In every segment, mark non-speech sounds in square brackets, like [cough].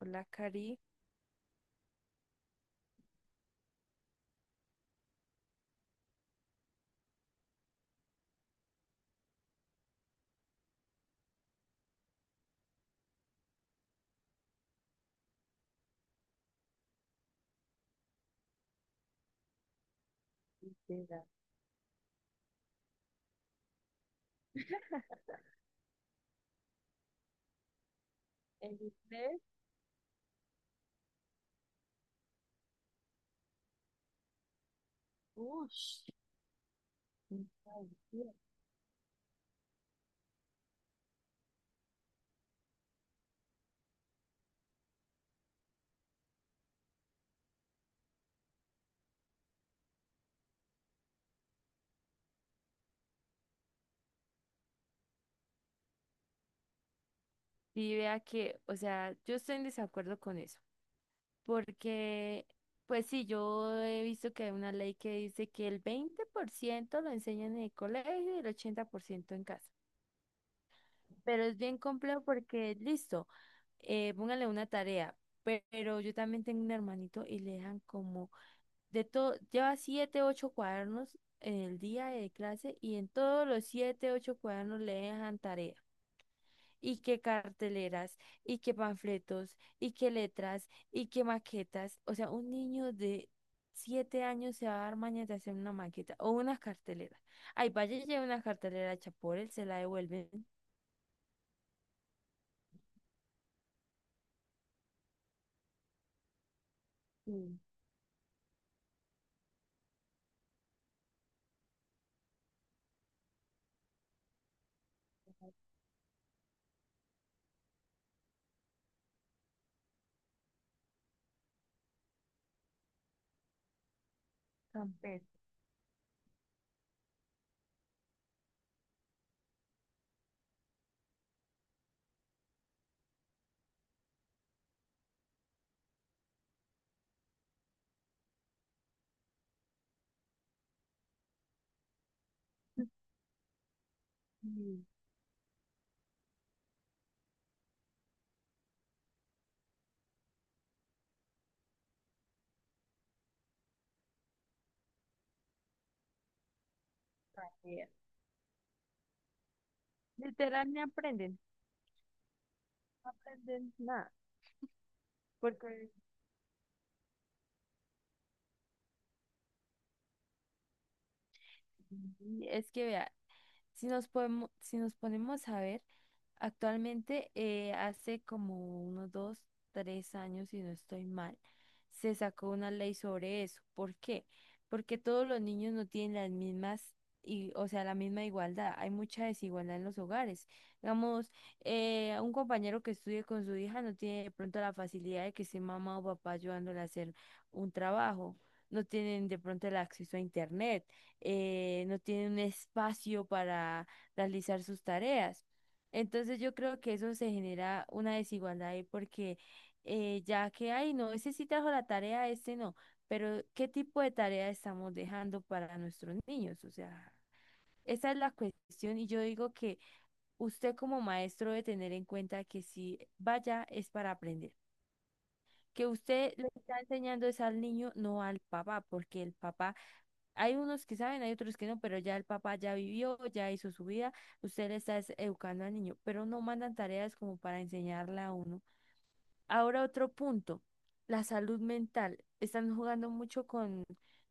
Hola, Cari. El Bush. Mira, y vea que, o sea, yo estoy en desacuerdo con eso, porque, pues sí, yo he visto que hay una ley que dice que el 20% lo enseñan en el colegio y el 80% en casa. Pero es bien complejo porque, listo, póngale una tarea, pero yo también tengo un hermanito y le dejan como, de todo, lleva siete, ocho cuadernos en el día de clase y en todos los siete, ocho cuadernos le dejan tarea. Y qué carteleras, y qué panfletos, y qué letras, y qué maquetas. O sea, un niño de 7 años se va a dar mañas de hacer una maqueta o una cartelera. Ay, vaya y lleve una cartelera hecha por él, se la devuelven. Sí, campestre. Sí, vea. Literal, no aprenden. No aprenden nada. Porque Es que vea, si nos podemos, si nos ponemos a ver, actualmente hace como unos 2, 3 años, si no estoy mal, se sacó una ley sobre eso. ¿Por qué? Porque todos los niños no tienen las mismas, y, o sea, la misma igualdad. Hay mucha desigualdad en los hogares. Digamos, un compañero que estudie con su hija no tiene de pronto la facilidad de que esté mamá o papá ayudándole a hacer un trabajo. No tienen de pronto el acceso a internet, no tienen un espacio para realizar sus tareas. Entonces yo creo que eso se genera una desigualdad ahí porque, ya que hay, no, ese sí trajo la tarea, este no, pero ¿qué tipo de tarea estamos dejando para nuestros niños? O sea, esa es la cuestión y yo digo que usted como maestro debe tener en cuenta que si vaya es para aprender, que usted le está enseñando es al niño, no al papá, porque el papá, hay unos que saben, hay otros que no, pero ya el papá ya vivió, ya hizo su vida, usted le está educando al niño, pero no mandan tareas como para enseñarla a uno. Ahora otro punto, la salud mental. Están jugando mucho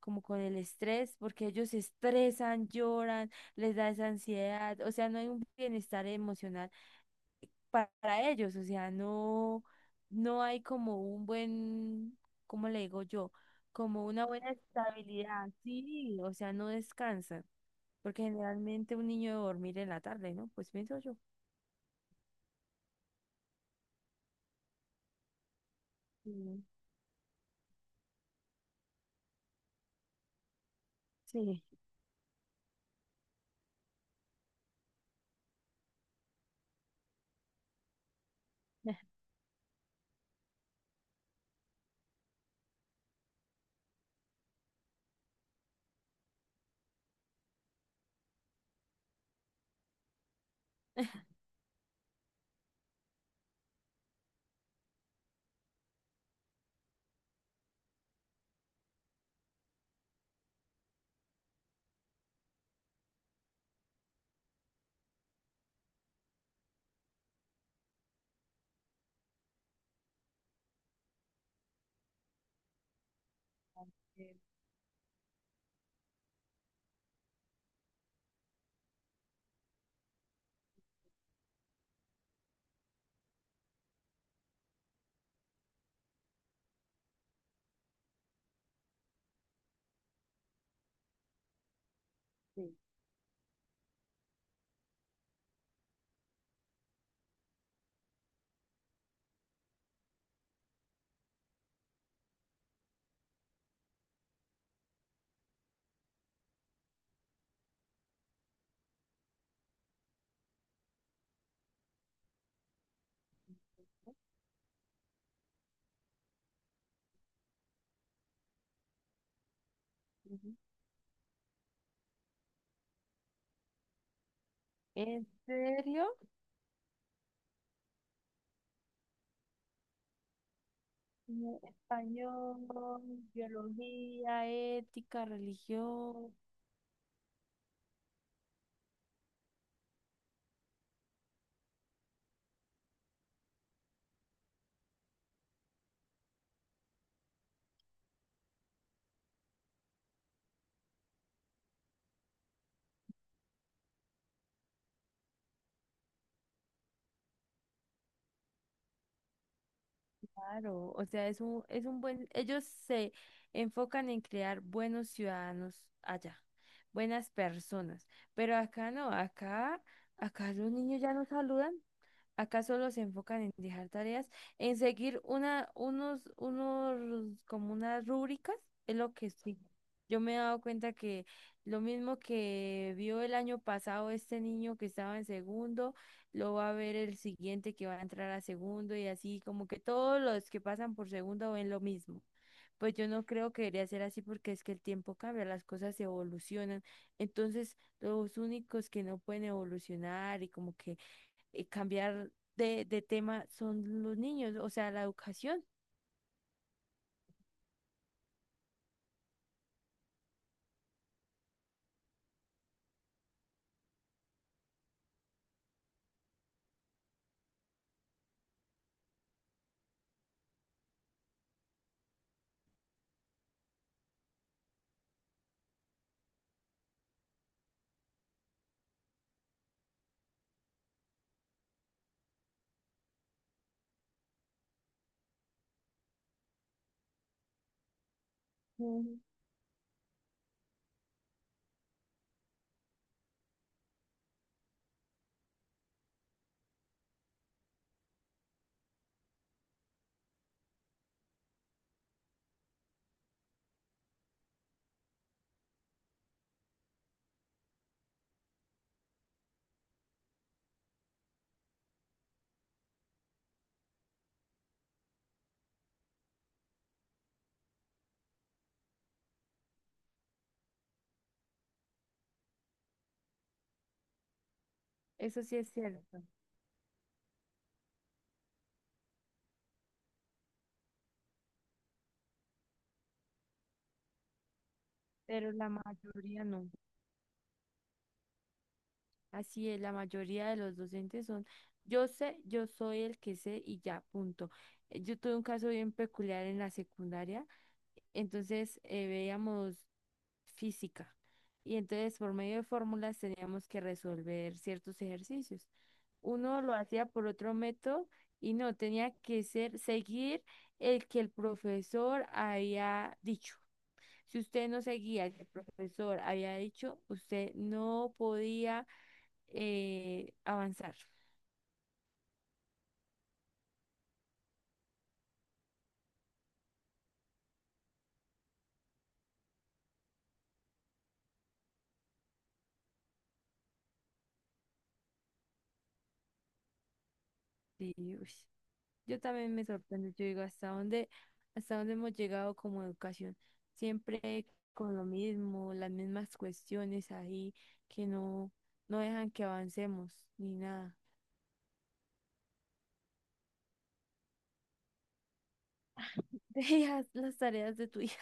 como con el estrés, porque ellos se estresan, lloran, les da esa ansiedad, o sea, no hay un bienestar emocional para ellos, o sea, no, no hay como un buen, ¿cómo le digo yo? Como una buena estabilidad, sí, o sea, no descansan, porque generalmente un niño debe dormir en la tarde, ¿no? Pues pienso yo. Sí. Sí. [laughs] Eh, ujú. ¿En serio? Mm, español, biología, ética, religión. Claro, o sea, es un buen, ellos se enfocan en crear buenos ciudadanos allá, buenas personas, pero acá no, acá los niños ya no saludan, acá solo se enfocan en dejar tareas, en seguir una, unos, como unas rúbricas, es lo que sí. Yo me he dado cuenta que lo mismo que vio el año pasado este niño que estaba en segundo lo va a ver el siguiente que va a entrar a segundo, y así, como que todos los que pasan por segundo ven lo mismo. Pues yo no creo que debería ser así porque es que el tiempo cambia, las cosas evolucionan. Entonces, los únicos que no pueden evolucionar y como que cambiar de tema son los niños, o sea, la educación, ujú. Eso sí es cierto, pero la mayoría no. Así es, la mayoría de los docentes son, yo sé, yo soy el que sé y ya, punto. Yo tuve un caso bien peculiar en la secundaria, entonces veíamos física y entonces por medio de fórmulas teníamos que resolver ciertos ejercicios. Uno lo hacía por otro método y no, tenía que seguir el que el profesor había dicho. Si usted no seguía el que el profesor había dicho, usted no podía avanzar. Y, uy, yo también me sorprendo, yo digo, hasta dónde hemos llegado como educación? Siempre con lo mismo, las mismas cuestiones ahí que no, no dejan que avancemos ni nada. [laughs] Dejas las tareas de tu hijo.